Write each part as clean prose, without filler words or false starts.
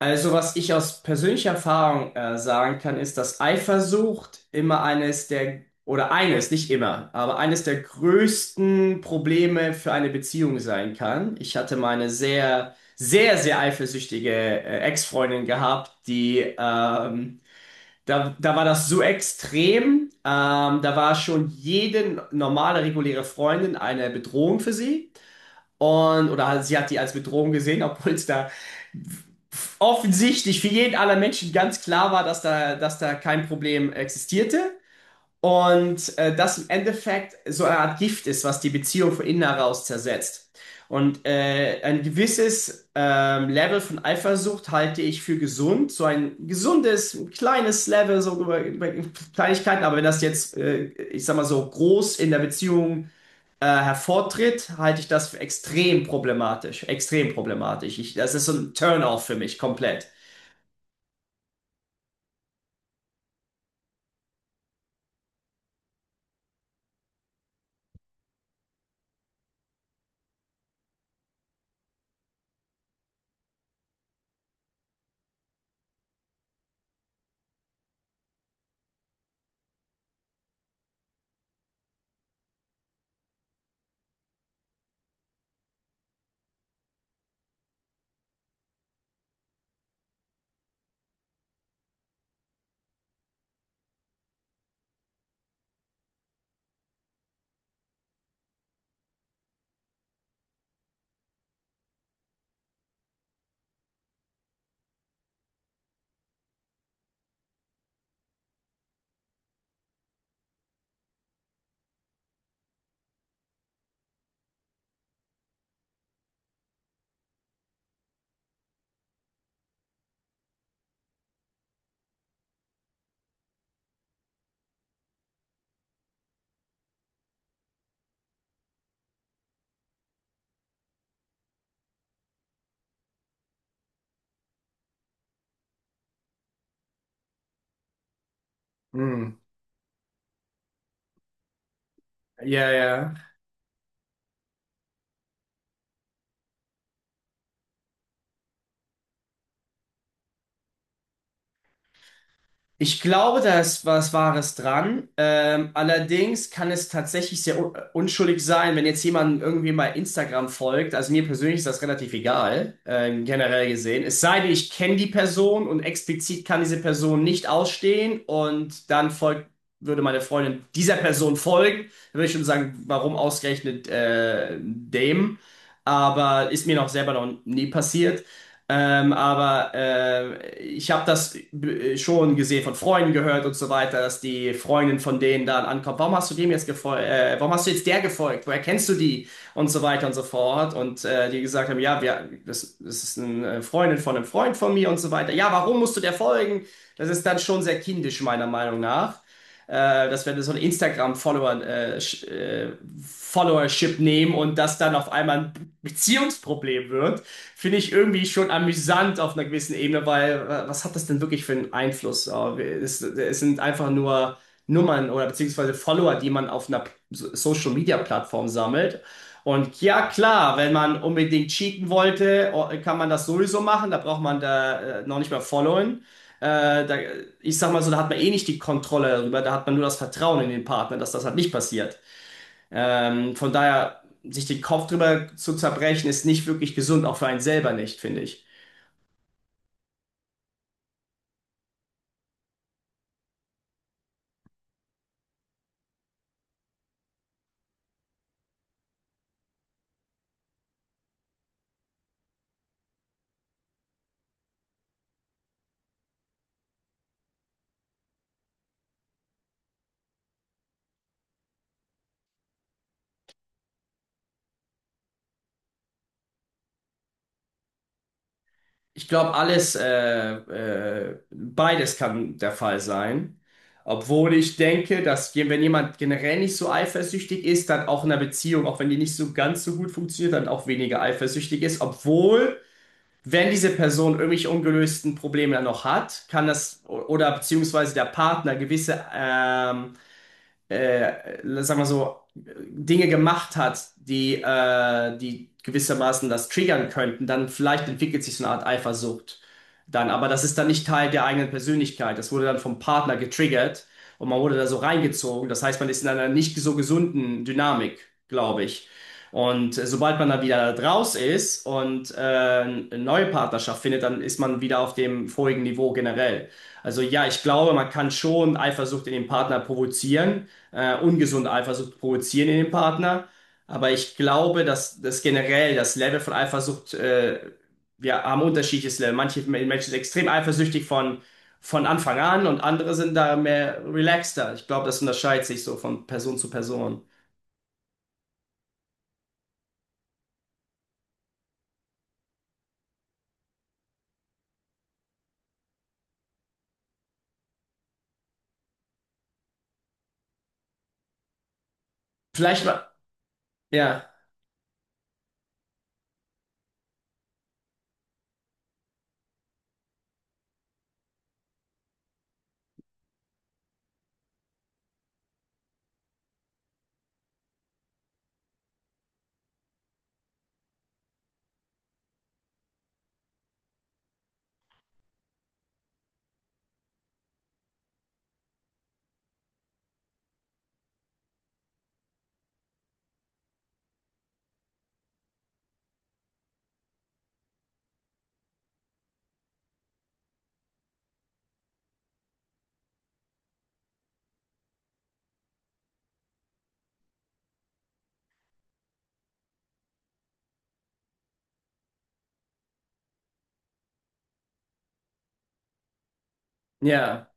Also, was ich aus persönlicher Erfahrung sagen kann, ist, dass Eifersucht immer eines der, oder eines, nicht immer, aber eines der größten Probleme für eine Beziehung sein kann. Ich hatte meine sehr, sehr, sehr eifersüchtige Ex-Freundin gehabt, die, da war das so extrem. Da war schon jede normale, reguläre Freundin eine Bedrohung für sie. Und, oder sie hat die als Bedrohung gesehen, obwohl es da offensichtlich für jeden aller Menschen ganz klar war, dass da kein Problem existierte. Und das im Endeffekt so eine Art Gift ist, was die Beziehung von innen heraus zersetzt. Und ein gewisses Level von Eifersucht halte ich für gesund. So ein gesundes, ein kleines Level, so über Kleinigkeiten. Aber wenn das jetzt, ich sag mal so, groß in der Beziehung hervortritt, halte ich das für extrem problematisch. Extrem problematisch. Das ist so ein Turn-off für mich komplett. Hm. Ja, ja. Ich glaube, da ist was Wahres dran. Allerdings kann es tatsächlich sehr un unschuldig sein, wenn jetzt jemand irgendwie mal Instagram folgt. Also mir persönlich ist das relativ egal, generell gesehen. Es sei denn, ich kenne die Person und explizit kann diese Person nicht ausstehen und dann würde meine Freundin dieser Person folgen. Dann würde ich schon sagen, warum ausgerechnet dem? Aber ist mir noch selber noch nie passiert. Aber ich habe das schon gesehen, von Freunden gehört und so weiter, dass die Freundin von denen dann ankommt. Warum hast du dem jetzt gefolgt? Warum hast du jetzt der gefolgt? Woher kennst du die? Und so weiter und so fort. Und die gesagt haben, ja, das ist eine Freundin von einem Freund von mir und so weiter. Ja, warum musst du der folgen? Das ist dann schon sehr kindisch, meiner Meinung nach, dass wir so einen Instagram-Follower, Followership nehmen und das dann auf einmal ein Beziehungsproblem wird, finde ich irgendwie schon amüsant auf einer gewissen Ebene, weil was hat das denn wirklich für einen Einfluss? Es sind einfach nur Nummern oder beziehungsweise Follower, die man auf einer Social-Media-Plattform sammelt. Und ja, klar, wenn man unbedingt cheaten wollte, kann man das sowieso machen. Da braucht man da noch nicht mehr followen. Da, ich sag mal so, da hat man eh nicht die Kontrolle darüber, da hat man nur das Vertrauen in den Partner, dass das halt nicht passiert. Von daher, sich den Kopf drüber zu zerbrechen, ist nicht wirklich gesund, auch für einen selber nicht, finde ich. Ich glaube, alles, beides kann der Fall sein. Obwohl ich denke, dass wenn jemand generell nicht so eifersüchtig ist, dann auch in einer Beziehung, auch wenn die nicht so ganz so gut funktioniert, dann auch weniger eifersüchtig ist. Obwohl wenn diese Person irgendwelche ungelösten Probleme noch hat, kann das oder beziehungsweise der Partner gewisse sagen wir so, Dinge gemacht hat, die gewissermaßen das triggern könnten, dann vielleicht entwickelt sich so eine Art Eifersucht dann. Aber das ist dann nicht Teil der eigenen Persönlichkeit. Das wurde dann vom Partner getriggert und man wurde da so reingezogen. Das heißt, man ist in einer nicht so gesunden Dynamik, glaube ich. Und sobald man da wieder draus ist und eine neue Partnerschaft findet, dann ist man wieder auf dem vorigen Niveau generell. Also ja, ich glaube, man kann schon Eifersucht in dem Partner provozieren, ungesunde Eifersucht provozieren in dem Partner. Aber ich glaube, dass generell das Level von Eifersucht, wir haben unterschiedliches Level. Manche Menschen sind extrem eifersüchtig von Anfang an und andere sind da mehr relaxter. Ich glaube, das unterscheidet sich so von Person zu Person. Vielleicht mal, ja, ja.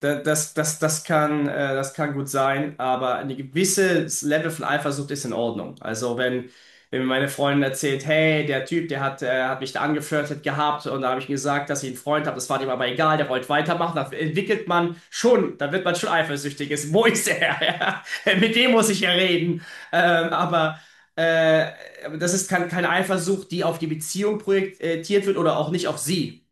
Das kann gut sein, aber ein gewisses Level von Eifersucht ist in Ordnung. Also wenn mir meine Freundin erzählt, hey, der Typ, der hat mich da angeflirtet gehabt und da habe ich ihm gesagt, dass ich einen Freund habe, das war dem aber egal, der wollte weitermachen, da entwickelt man schon, da wird man schon eifersüchtig. Wo ist er? Ja, mit dem muss ich ja reden. Ähm, aber äh, aber das ist kein, keine Eifersucht, die auf die Beziehung projektiert wird oder auch nicht auf sie.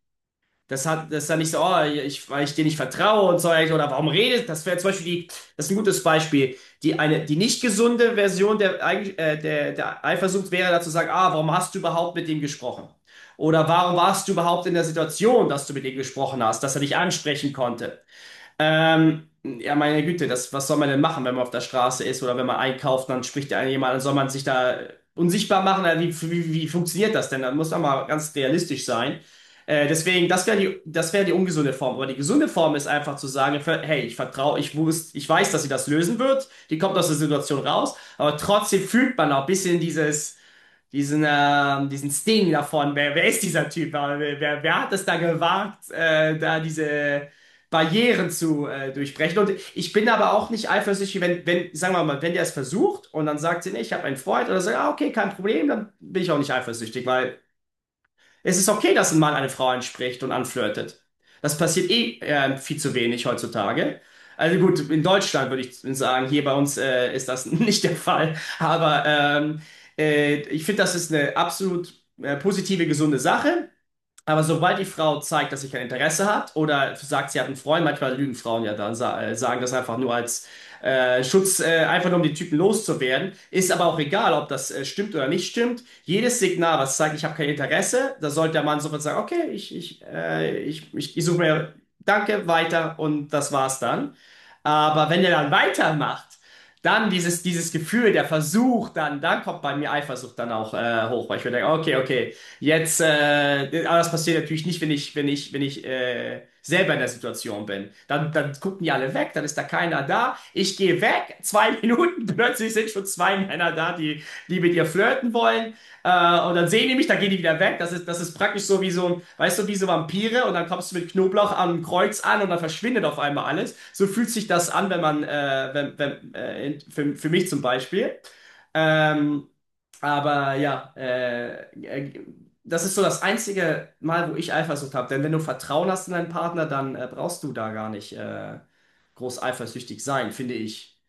Das ist dann nicht so, oh, ich, weil ich dir nicht vertraue und so, oder warum redet, das wäre zum Beispiel die, das ist ein gutes Beispiel. Die eine, die nicht gesunde Version der Eifersucht wäre, dazu zu sagen, ah, warum hast du überhaupt mit ihm gesprochen? Oder warum warst du überhaupt in der Situation, dass du mit ihm gesprochen hast, dass er dich ansprechen konnte? Ja, meine Güte, was soll man denn machen, wenn man auf der Straße ist oder wenn man einkauft, dann spricht ja jemand, dann soll man sich da unsichtbar machen. Wie funktioniert das denn? Dann muss man mal ganz realistisch sein. Deswegen, das wäre die ungesunde Form. Aber die gesunde Form ist einfach zu sagen, hey, ich vertraue, ich wusste, ich weiß, dass sie das lösen wird. Die kommt aus der Situation raus, aber trotzdem fühlt man auch ein bisschen dieses diesen Sting davon. Wer ist dieser Typ? Wer hat es da gewagt, da diese Barrieren zu durchbrechen? Und ich bin aber auch nicht eifersüchtig, wenn, sagen wir mal, wenn der es versucht und dann sagt sie, nee, ich habe einen Freund oder sagt, ah, okay, kein Problem, dann bin ich auch nicht eifersüchtig, weil es ist okay, dass ein Mann eine Frau anspricht und anflirtet. Das passiert eh viel zu wenig heutzutage. Also gut, in Deutschland würde ich sagen, hier bei uns ist das nicht der Fall. Aber ich finde, das ist eine absolut positive, gesunde Sache. Aber sobald die Frau zeigt, dass sie kein Interesse hat oder sagt, sie hat einen Freund, manchmal lügen Frauen ja dann, sagen das einfach nur als Schutz, einfach nur um die Typen loszuwerden. Ist aber auch egal, ob das stimmt oder nicht stimmt. Jedes Signal, was zeigt, ich habe kein Interesse, da sollte der Mann sofort sagen, okay, ich suche mir Danke, weiter und das war's dann. Aber wenn er dann weitermacht, dann dieses Gefühl, der Versuch, dann kommt bei mir Eifersucht dann auch hoch, weil ich mir denke, okay, okay. Jetzt, aber das passiert natürlich nicht, wenn ich selber in der Situation bin. Dann gucken die alle weg, dann ist da keiner da. Ich gehe weg, 2 Minuten, plötzlich sind schon zwei Männer da, die mit dir flirten wollen. Äh, und dann sehen die mich, dann gehen die wieder weg. Das ist praktisch so wie so ein, weißt du, wie so Vampire und dann kommst du mit Knoblauch am Kreuz an und dann verschwindet auf einmal alles. So fühlt sich das an, wenn man, wenn, wenn, in- für mich zum Beispiel. Ähm, aber ja, äh, das ist so das einzige Mal, wo ich Eifersucht habe. Denn wenn du Vertrauen hast in deinen Partner, dann brauchst du da gar nicht groß eifersüchtig sein, finde ich.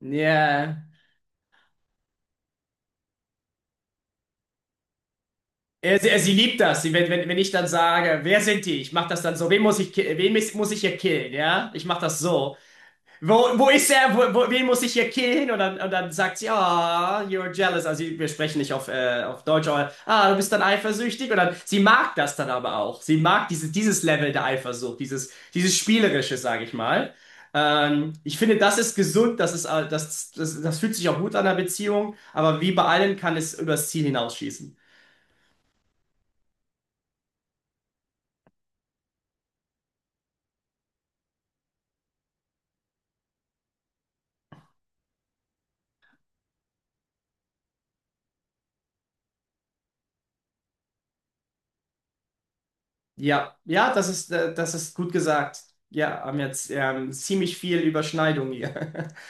Ja. Sie liebt das. Wenn ich dann sage, wer sind die? Ich mache das dann so. Wen muss ich, ki- wen mis- muss ich hier killen? Ja, ich mache das so. Wo ist er? Wen muss ich hier killen? Und dann sagt sie, ah, you're jealous. Also wir sprechen nicht auf Deutsch, aber ah, du bist dann eifersüchtig. Und dann, sie mag das dann aber auch. Sie mag diese, dieses Level der Eifersucht, dieses Spielerische, sage ich mal. Ich finde, das ist gesund, das ist, all- das, das, das fühlt sich auch gut an der Beziehung, aber wie bei allem kann es übers Ziel hinausschießen. Ja, ja, das ist gut gesagt. Ja, haben jetzt ziemlich viel Überschneidung hier.